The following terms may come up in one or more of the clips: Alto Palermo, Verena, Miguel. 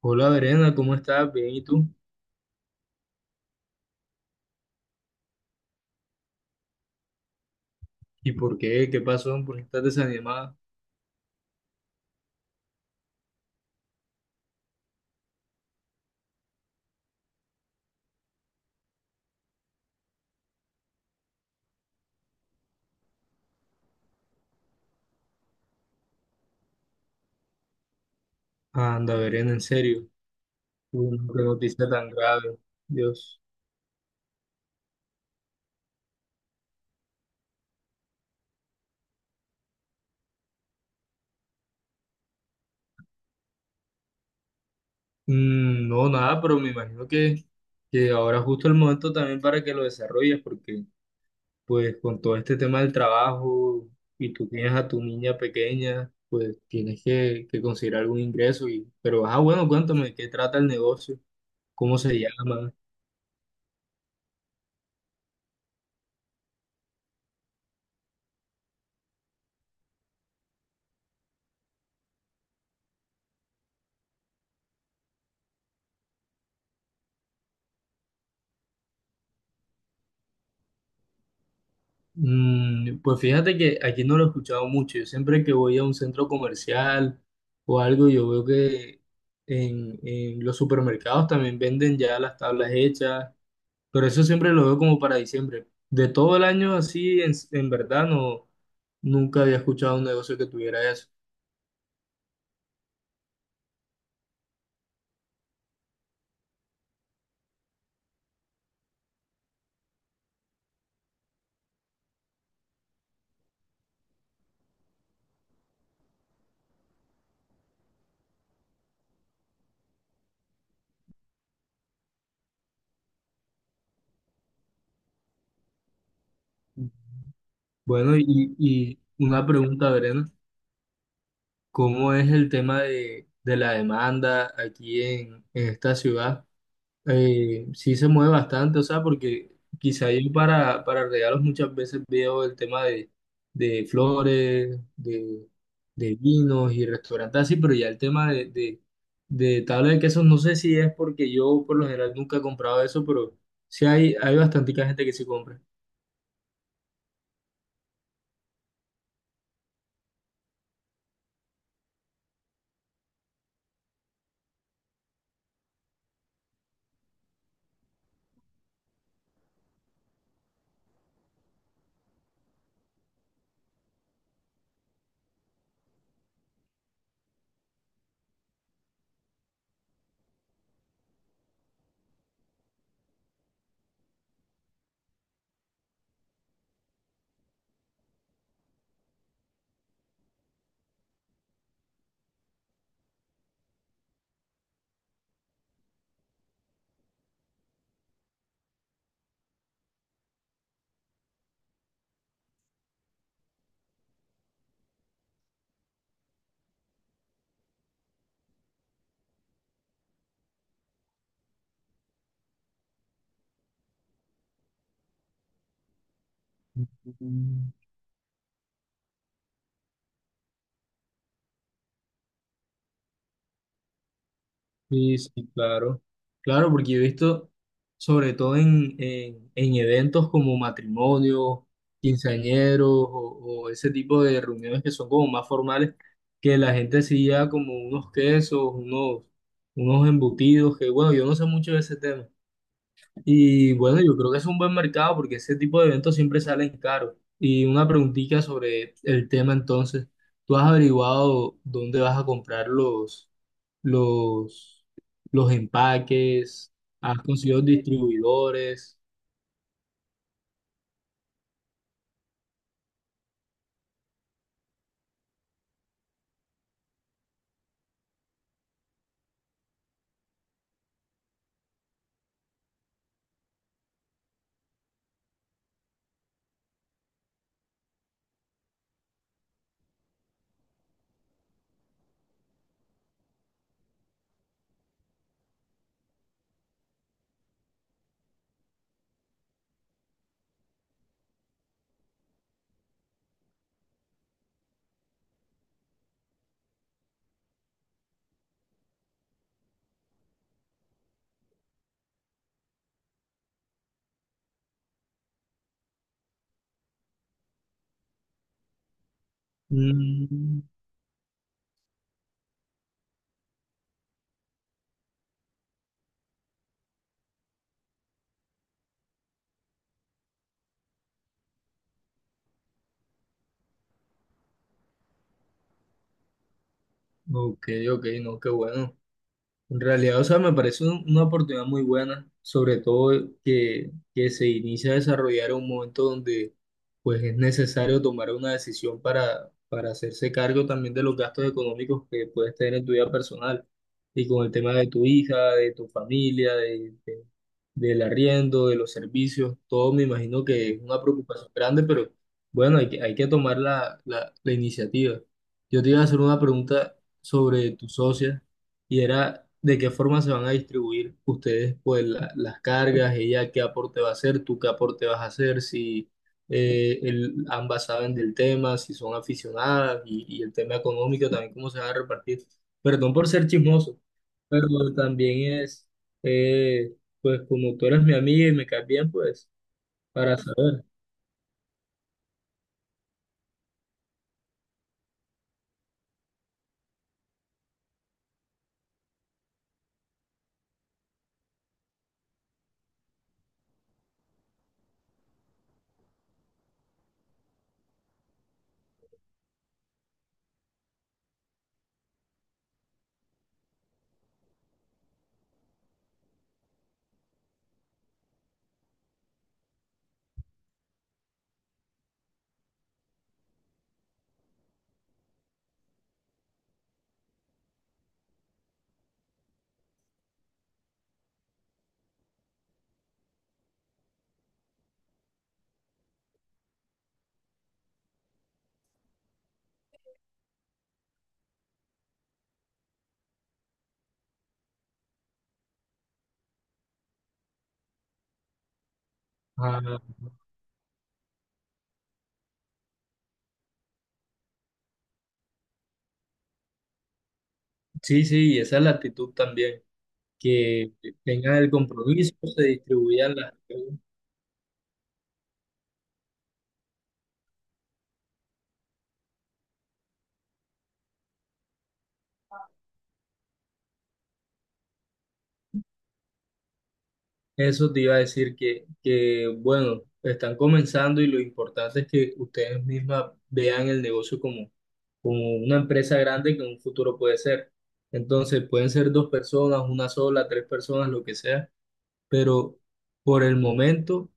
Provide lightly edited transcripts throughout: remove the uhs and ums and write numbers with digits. Hola Verena, ¿cómo estás? Bien, ¿y tú? ¿Y por qué? ¿Qué pasó? ¿Por qué estás desanimada? Anda, Verena, en serio. Uy, no, qué noticia tan grave. Dios. Mm, no, nada, pero me imagino que ahora es justo el momento también para que lo desarrolles, porque pues con todo este tema del trabajo y tú tienes a tu niña pequeña, pues tienes que conseguir algún ingreso. Y, pero, ah, bueno, cuéntame, ¿qué trata el negocio? ¿Cómo se llama? Mm, pues fíjate que aquí no lo he escuchado mucho. Yo siempre que voy a un centro comercial o algo, yo veo que en los supermercados también venden ya las tablas hechas, pero eso siempre lo veo como para diciembre. De todo el año así, en verdad, no, nunca había escuchado un negocio que tuviera eso. Bueno, y una pregunta, Verena, ¿cómo es el tema de la demanda aquí en esta ciudad? Sí se mueve bastante, o sea, porque quizá yo para regalos muchas veces veo el tema de flores, de vinos y restaurantes así, pero ya el tema de tabla de quesos, no sé si es porque yo por lo general nunca he comprado eso, pero sí hay bastante gente que se compra. Sí, sí, claro. Claro, porque yo he visto, sobre todo en eventos como matrimonios, quinceañeros o ese tipo de reuniones que son como más formales, que la gente sí lleva como unos quesos, unos, unos embutidos, que bueno, yo no sé mucho de ese tema. Y bueno, yo creo que es un buen mercado porque ese tipo de eventos siempre salen caros. Y una preguntita sobre el tema entonces, ¿tú has averiguado dónde vas a comprar los, los empaques, has conseguido distribuidores? Mm, ok, ok, no, qué bueno. En realidad, o sea, me parece un- una oportunidad muy buena, sobre todo que se inicia a desarrollar en un momento donde pues es necesario tomar una decisión para hacerse cargo también de los gastos económicos que puedes tener en tu vida personal y con el tema de tu hija, de tu familia, de- del arriendo, de los servicios, todo me imagino que es una preocupación grande, pero bueno, hay que tomar la, la, la iniciativa. Yo te iba a hacer una pregunta sobre tu socia y era de qué forma se van a distribuir ustedes pues la- las cargas, ella qué aporte va a hacer, tú qué aporte vas a hacer, si el- ambas saben del tema, si son aficionadas y el tema económico también cómo se va a repartir. Perdón por ser chismoso, pero también es, eh, pues como tú eres mi amiga y me caes bien, pues para saber. Ah, sí, sí, y esa es la actitud también, que tengan el compromiso, se distribuyan las... Eso te iba a decir que, bueno, están comenzando y lo importante es que ustedes mismas vean el negocio como, como una empresa grande que en un futuro puede ser. Entonces, pueden ser dos personas, una sola, tres personas, lo que sea, pero por el momento,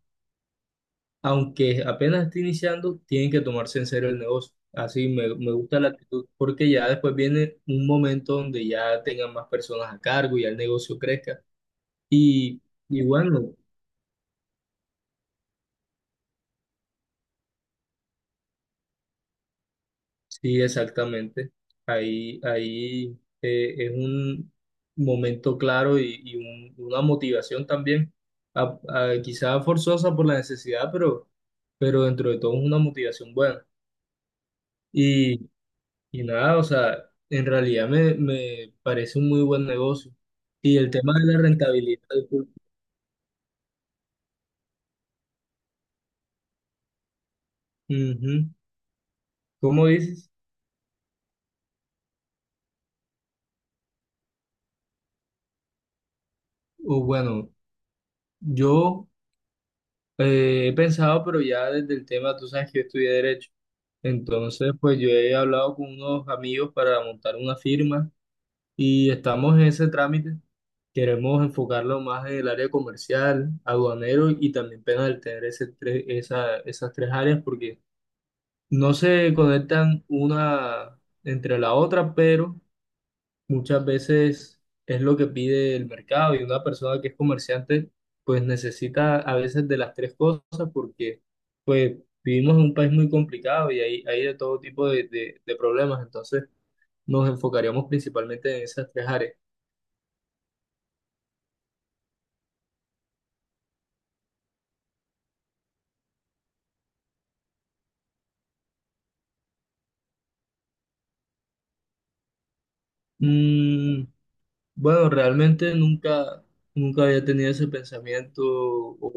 aunque apenas esté iniciando, tienen que tomarse en serio el negocio. Así me, me gusta la actitud porque ya después viene un momento donde ya tengan más personas a cargo y ya el negocio crezca. Y, y bueno. Sí, exactamente. Ahí, ahí es un momento claro y un- una motivación también, a- quizá forzosa por la necesidad, pero dentro de todo es una motivación buena. Y, y nada, o sea, en realidad me, me parece un muy buen negocio. Y el tema de la rentabilidad. Ujú. ¿Cómo dices? O bueno, yo he pensado, pero ya desde el tema, tú sabes que yo estudié derecho. Entonces, pues yo he hablado con unos amigos para montar una firma y estamos en ese trámite. Queremos enfocarlo más en el área comercial, aduanero y también penal, tener ese tres- esa- esas tres áreas porque no se conectan una entre la otra, pero muchas veces es lo que pide el mercado y una persona que es comerciante pues necesita a veces de las tres cosas porque pues vivimos en un país muy complicado y hay de todo tipo de problemas, entonces nos enfocaríamos principalmente en esas tres áreas. Mm, bueno, realmente nunca, nunca había tenido ese pensamiento o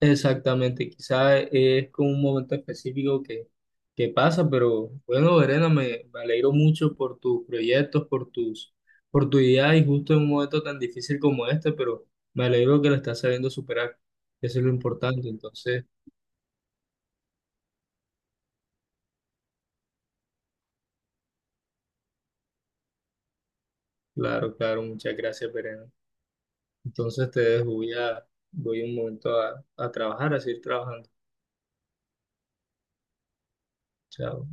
exactamente, quizá es como un momento específico que pasa, pero bueno, Verena, me alegro mucho por tus proyectos, por tus, por tu idea y justo en un momento tan difícil como este, pero me alegro que lo estás sabiendo superar, eso es lo importante, entonces, claro, claro, muchas gracias, Verena. Entonces te dejo, voy a, voy un momento a trabajar, a seguir trabajando. Chao.